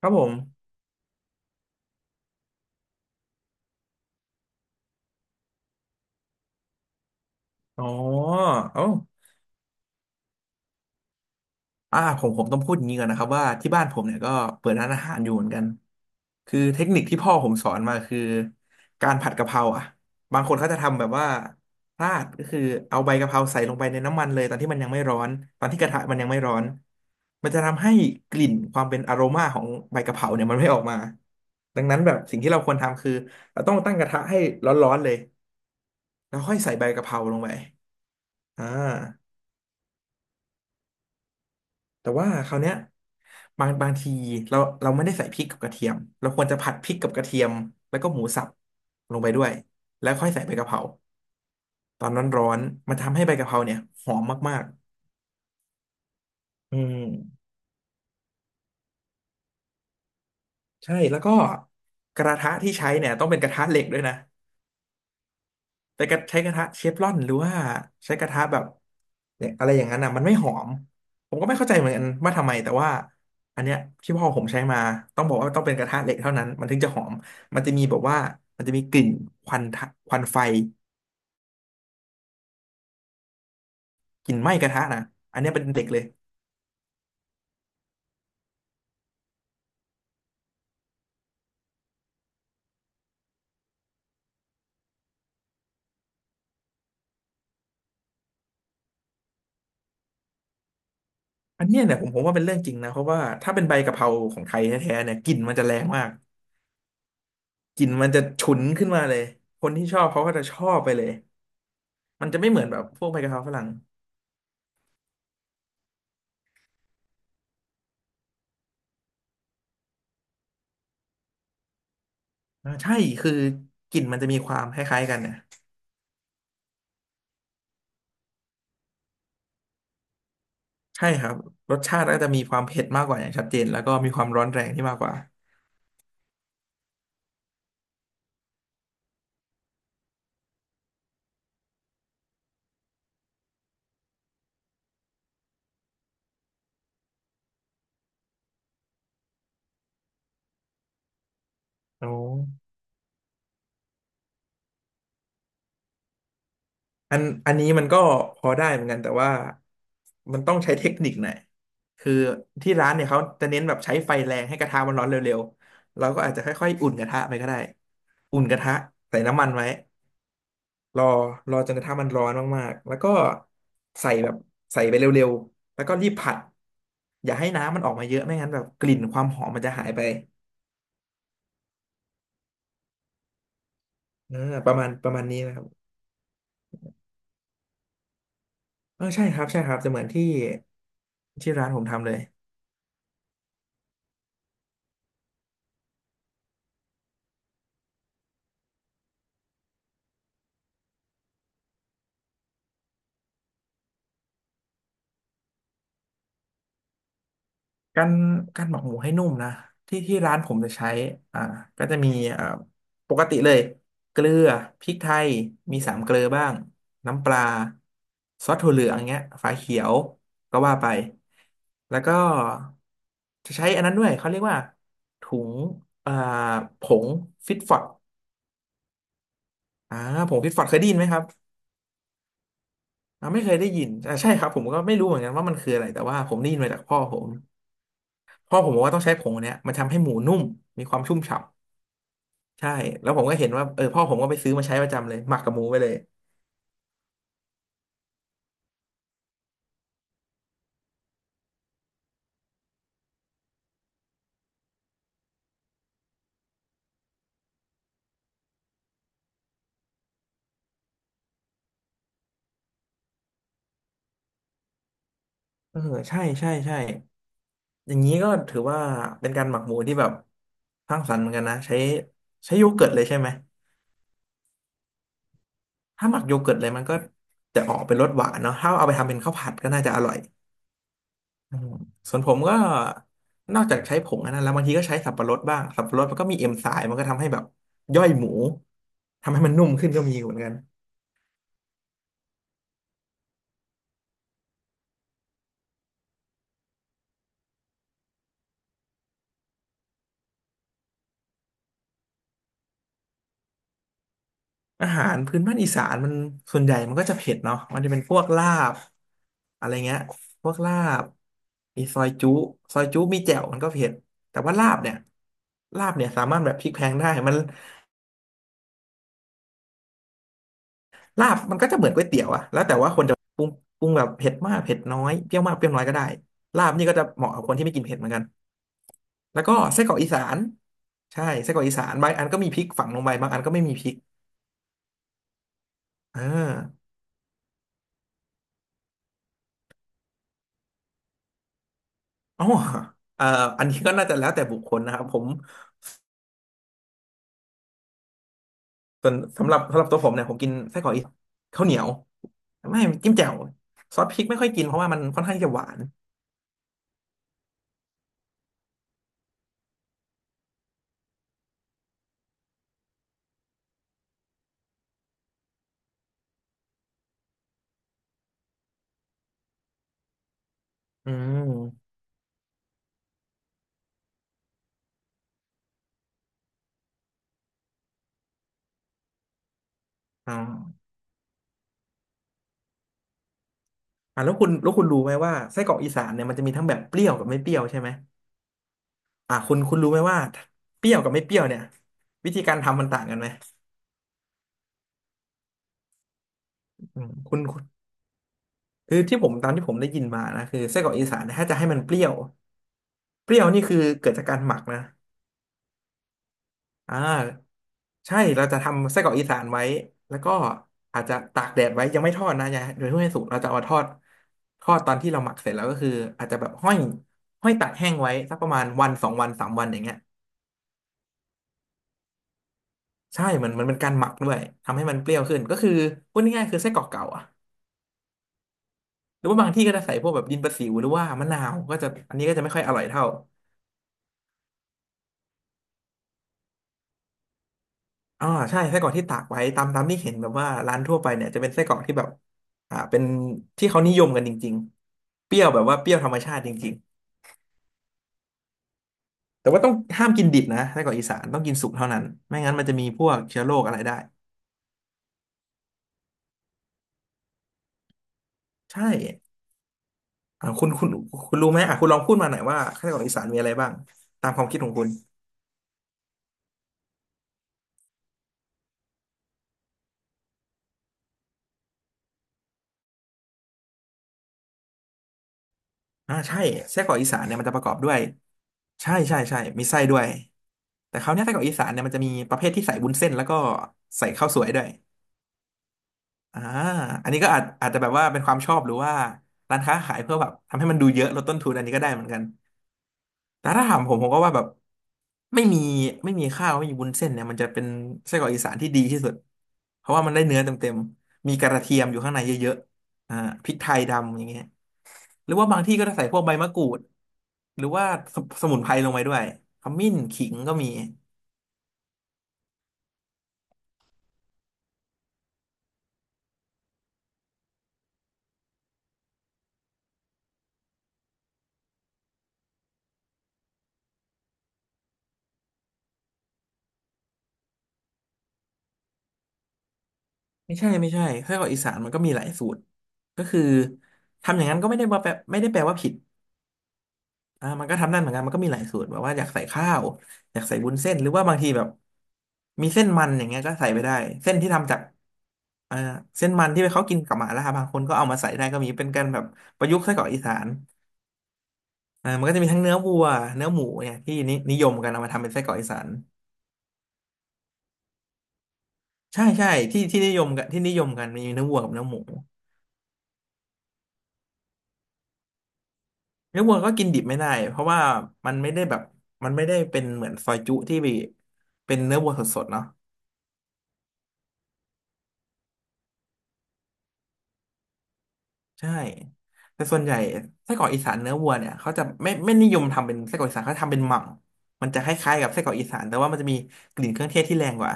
ครับผมอ๋อเอ้าผมต้องพูดอย่างนี้ก่อนนะครับว่าที่บ้านผมเนี่ยก็เปิดร้านอาหารอยู่เหมือนกันคือเทคนิคที่พ่อผมสอนมาคือการผัดกะเพราอ่ะบางคนเขาจะทำแบบว่าพลาดก็คือเอาใบกะเพราใส่ลงไปในน้ำมันเลยตอนที่มันยังไม่ร้อนตอนที่กระทะมันยังไม่ร้อนมันจะทำให้กลิ่นความเป็นอโรมาของใบกะเพราเนี่ยมันไม่ออกมาดังนั้นแบบสิ่งที่เราควรทำคือเราต้องตั้งกระทะให้ร้อนๆเลยแล้วค่อยใส่ใบกะเพราลงไปอ่า แต่ว่าคราวเนี้ยบางทีเราเราไม่ได้ใส่พริกกับกระเทียมเราควรจะผัดพริกกับกระเทียมแล้วก็หมูสับลงไปด้วยแล้วค่อยใส่ใบกะเพราตอนร้อนๆมันทำให้ใบกะเพราเนี่ยหอมมากๆอืมใช่แล้วก็กระทะที่ใช้เนี่ยต้องเป็นกระทะเหล็กด้วยนะ แต่กระใช้กระทะเชฟรอนหรือว่าใช้กระทะแบบเนี่ยอะไรอย่างนั้นอ่ะมันไม่หอมผมก็ไม่เข้าใจเหมือนกันว่าทำไมแต่ว่าอันเนี้ยที่พ่อผมใช้มาต้องบอกว่าต้องเป็นกระทะเหล็กเท่านั้นมันถึงจะหอมมันจะมีแบบว่ามันจะมีกลิ่นควันควันไฟกลิ่นไหม้กระทะนะอันเนี้ยเป็นเด็กเลยอันเนี้ยเนี่ยผมว่าเป็นเรื่องจริงนะเพราะว่าถ้าเป็นใบกะเพราของไทยแท้ๆเนี่ยกลิ่นมันจะแรงมากกลิ่นมันจะฉุนขึ้นมาเลยคนที่ชอบเขาก็จะชอบไปเลยมันจะไม่เหมือนแบบพวกใบกะเพราฝรั่ง อ่าใช่คือกลิ่นมันจะมีความคล้ายๆกันเนี่ยใช่ครับรสชาติก็จะมีความเผ็ดมากกว่าอย่างชัดเจนแล้วก็มีความร้อนแรงที่มากกว่าโอ้อันนี้มันก็พอได้เหมือนกันแต่ว่ามันต้องใช้เทคนิคหน่อยคือที่ร้านเนี่ยเขาจะเน้นแบบใช้ไฟแรงให้กระทะมันร้อนเร็วๆเราก็อาจจะค่อยๆอุ่นกระทะไปก็ได้อุ่นกระทะใส่น้ำมันไว้ รอรอจนกระทั่งมันร้อนมากๆแล้วก็ใส่แบบใส่ไปเร็วๆ แล้วก็รีบผัดอย่าให้น้ำมันออกมาเยอะไม่งั้นแบบกลิ่นความหอมมันจะหายไปเออประมาณนี้นะครับเออใช่ครับใช่ครับจะเหมือนที่ร้านผมทำเลย การการหมักหมูให้นุ่มนะที่ร้านผมจะใช้อ่าก็จะมีอ่าปกติเลยเกลือพริกไทยมีสามเกลือบ้างน้ำปลาซอสถั่วเหลืองเงี้ยฝาเขียวก็ว่าไปแล้วก็จะใช้อันนั้นด้วยเขาเรียกว่าถุงอ่าผงฟิตฟอดอ่าผงฟิตฟอดเคยได้ยินไหมครับอ่าไม่เคยได้ยินอ่าใช่ครับผมก็ไม่รู้เหมือนกันว่ามันคืออะไรแต่ว่าผมได้ยินมาจากพ่อผมพ่อผมบอกว่าต้องใช้ผงอันเนี้ยมันทำให้หมูนุ่มมีความชุ่มฉ่ำ ใช่แล้วผมก็เห็นว่าเออพ่อผมก็ไปซื้อมาใช้ประจำเลยหมักกับหมูไปเลยเออใช่ใช่ใช่อย่างนี้ก็ถือว่าเป็นการหมักหมูที่แบบสร้างสรรค์เหมือนกันนะใช้ใช้โยเกิร์ตเลยใช่ไหมถ้าหมักโยเกิร์ตเลยมันก็จะออกเป็นรสหวานเนาะถ้าเอาไปทำเป็นข้าวผัดก็น่าจะอร่อยอืมส่วนผมก็นอกจากใช้ผงอันนั้นแล้วบางทีก็ใช้สับปะรดบ้างสับปะรดมันก็มีเอนไซม์มันก็ทำให้แบบย่อยหมูทำให้มันนุ่มขึ้นก็มีเหมือนกัน อาหารพื้นบ้านอีสานมันส่วนใหญ่มันก็จะเผ็ดเนาะมันจะเป็นพวกลาบอะไรเงี้ยพวกลาบมีซอยจุซอยจุมีแจ่วมันก็เผ็ดแต่ว่าลาบเนี่ยลาบเนี่ยสามารถแบบพลิกแพลงได้มันลาบมันก็จะเหมือนก๋วยเตี๋ยวอะแล้วแต่ว่าคนจะปรุงปรุงแบบเผ็ดมากเผ็ดน้อยเปรี้ยวมากเปรี้ยวน้อยก็ได้ลาบนี่ก็จะเหมาะกับคนที่ไม่กินเผ็ดเหมือนกันแล้วก็ไส้กรอกอีสานใช่ไส้กรอกอีสานบางอันก็มีพริกฝังลงไปบางอันก็ไม่มีพริกเอออ๋อเอ่ออันนี้ก็น่าจะแล้วแต่บุคคลนะครับผม ส่วนสำหรับตัวผมเนี่ยผมกินไส้กรอกอีสานข้าวเหนียวไม่จิ้มแจ่วซอสพริกไม่ค่อยกินเพราะว่ามันค่อนข้างที่จะหวานอืมอ๋ออ่ะแล้วคุณรู้ไหมว่าไส้กรอกอีสานเนี่ยมันจะมีทั้งแบบเปรี้ยวกับไม่เปรี้ยวใช่ไหมอ่ะคุณรู้ไหมว่าเปรี้ยวกับไม่เปรี้ยวเนี่ยวิธีการทำมันต่างกันไหมอืมคุณคือที่ผมตามที่ผมได้ยินมานะคือไส้กรอกอีสานเนี่ยถ้าจะให้มันเปรี้ยวเปรี้ยวนี่คือเกิดจากการหมักนะ อ่าใช่เราจะทำไส้กรอกอีสานไว้แล้วก็อาจจะตากแดดไว้ยังไม่ทอดนะอย่าโดยทั่วไปสุกเราจะเอามาทอดทอดตอนที่เราหมักเสร็จแล้วก็คืออาจจะแบบห้อยห้อยตากแห้งไว้สักประมาณวันสองวันสามวันอย่างเงี้ยใช่มันเป็นการหมักด้วยทำให้มันเปรี้ยวขึ้นก็คือพูดง่ายๆคือไส้กรอกเก่าอะหรือว่าบางที่ก็จะใส่พวกแบบดินประสิวหรือว่ามะนาวก็จะอันนี้ก็จะไม่ค่อยอร่อยเท่า อ่าใช่ไส้กรอกที่ตากไว้ตามที่เห็นแบบว่าร้านทั่วไปเนี่ยจะเป็นไส้กรอกที่แบบอ่าเป็นที่เขานิยมกันจริงๆเปรี้ยวแบบว่าเปรี้ยวธรรมชาติจริงๆแต่ว่าต้องห้ามกินดิบนะไส้กรอกอีสานต้องกินสุกเท่านั้นไม่งั้นมันจะมีพวกเชื้อโรคอะไรได้ใช่อ่าคุณรู้ไหมอ่ะคุณลองพูดมาหน่อยว่าไส้กรอกอีสานมีอะไรบ้างตามความคิดของคุณอ่าใช่ไส้กรอกอีสานเนี่ยมันจะประกอบด้วยใช่ใช่ใช่มีไส้ด้วยแต่คราวเนี้ยไส้กรอกอีสานเนี่ยมันจะมีประเภทที่ใส่วุ้นเส้นแล้วก็ใส่ข้าวสวยด้วย อ่าอันนี้ก็อาจจะแบบว่าเป็นความชอบหรือว่าร้านค้าขายเพื่อแบบทำให้มันดูเยอะลดต้นทุนอันนี้ก็ได้เหมือนกันแต่ถ้าถามผมผมก็ว่าแบบไม่มีไม่มีข้าวไม่มีวุ้นเส้นเนี่ยมันจะเป็นไส้กรอกอีสานที่ดีที่สุดเพราะว่ามันได้เนื้อเต็มๆมีกระเทียมอยู่ข้างในเยอะๆอ่าพริกไทยดำอย่างเงี้ยหรือว่าบางที่ก็จะใส่พวกใบมะกรูดหรือว่าสสมุนไพรลงไปด้วยขมิ้นขิงก็มีไม่ใช่ไส้กรอกอีสานมันก็มีหลายสูตรก็คือทำอย่างนั้นก็ไม่ได้ว่าแปลไม่ได้แปลว่าผิด อ่ามันก็ทำนั่นเหมือนกันมันก็มีหลายสูตรแบบว่าอยากใส่ข้าวอยากใส่วุ้นเส้น หรือว่าบางทีแบบมีเส้นมันอย่างเงี้ยก็ใส่ไปได้ เส้นที่ทำจากอ่าเส้นมันที่เขากินกับหมาล่าบางคนก็เอามาใส่ได้ก็มีเป็นการแบบประยุกต์ไส้กรอกอีสานอ่ามันก็จะมีทั้งเนื้อวัวเนื้อหมูเนี่ยที่นิยมกันเอามาทำเป็นไส้กรอกอีสานใช่ใช่ที่นิยมกันที่นิยมกันมีเนื้อวัวกับเนื้อหมูเนื้อวัวก็กินดิบไม่ได้เพราะว่ามันไม่ได้แบบมันไม่ได้เป็นเหมือนซอยจุที่เป็นเนื้อวัวสดๆเนาะ ใช่แต่ส่วนใหญ่ไส้กรอกอีสานเนื้อวัวเนี่ยเขาจะไม่นิยมทำเป็นไส้กรอกอีสานเขาทำเป็นหม่ำมันจะคล้ายๆกับไส้กรอกอีสานแต่ว่ามันจะมีกลิ่นเครื่องเทศที่แรงกว่า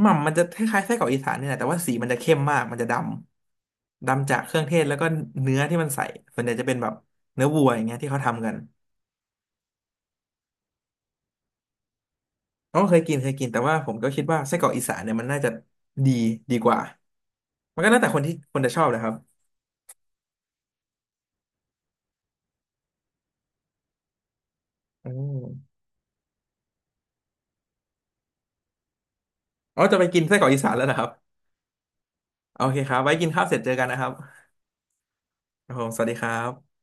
หม่ำมันจะคล้ายๆไส้กรอกอีสานเนี่ยแหละแต่ว่าสีมันจะเข้มมากมันจะดำดำจากเครื่องเทศแล้วก็เนื้อที่มันใส่ส่วนใหญ่จะเป็นแบบเนื้อวัวอย่างเงี้ยที่เขาทำกันก็เคยกินเคยกินแต่ว่าผมก็คิดว่าไส้กรอกอีสานเนี่ยมันน่าจะดีดีกว่ามันก็แล้วแต่คนจะชอบนะครับอืมอ๋อจะไปกินไส้กรอกอีสานแล้วนะครับโอเคครับไว้กินข้าวเสร็จเจอกันนะครับ ครับผมสวัสดีครับ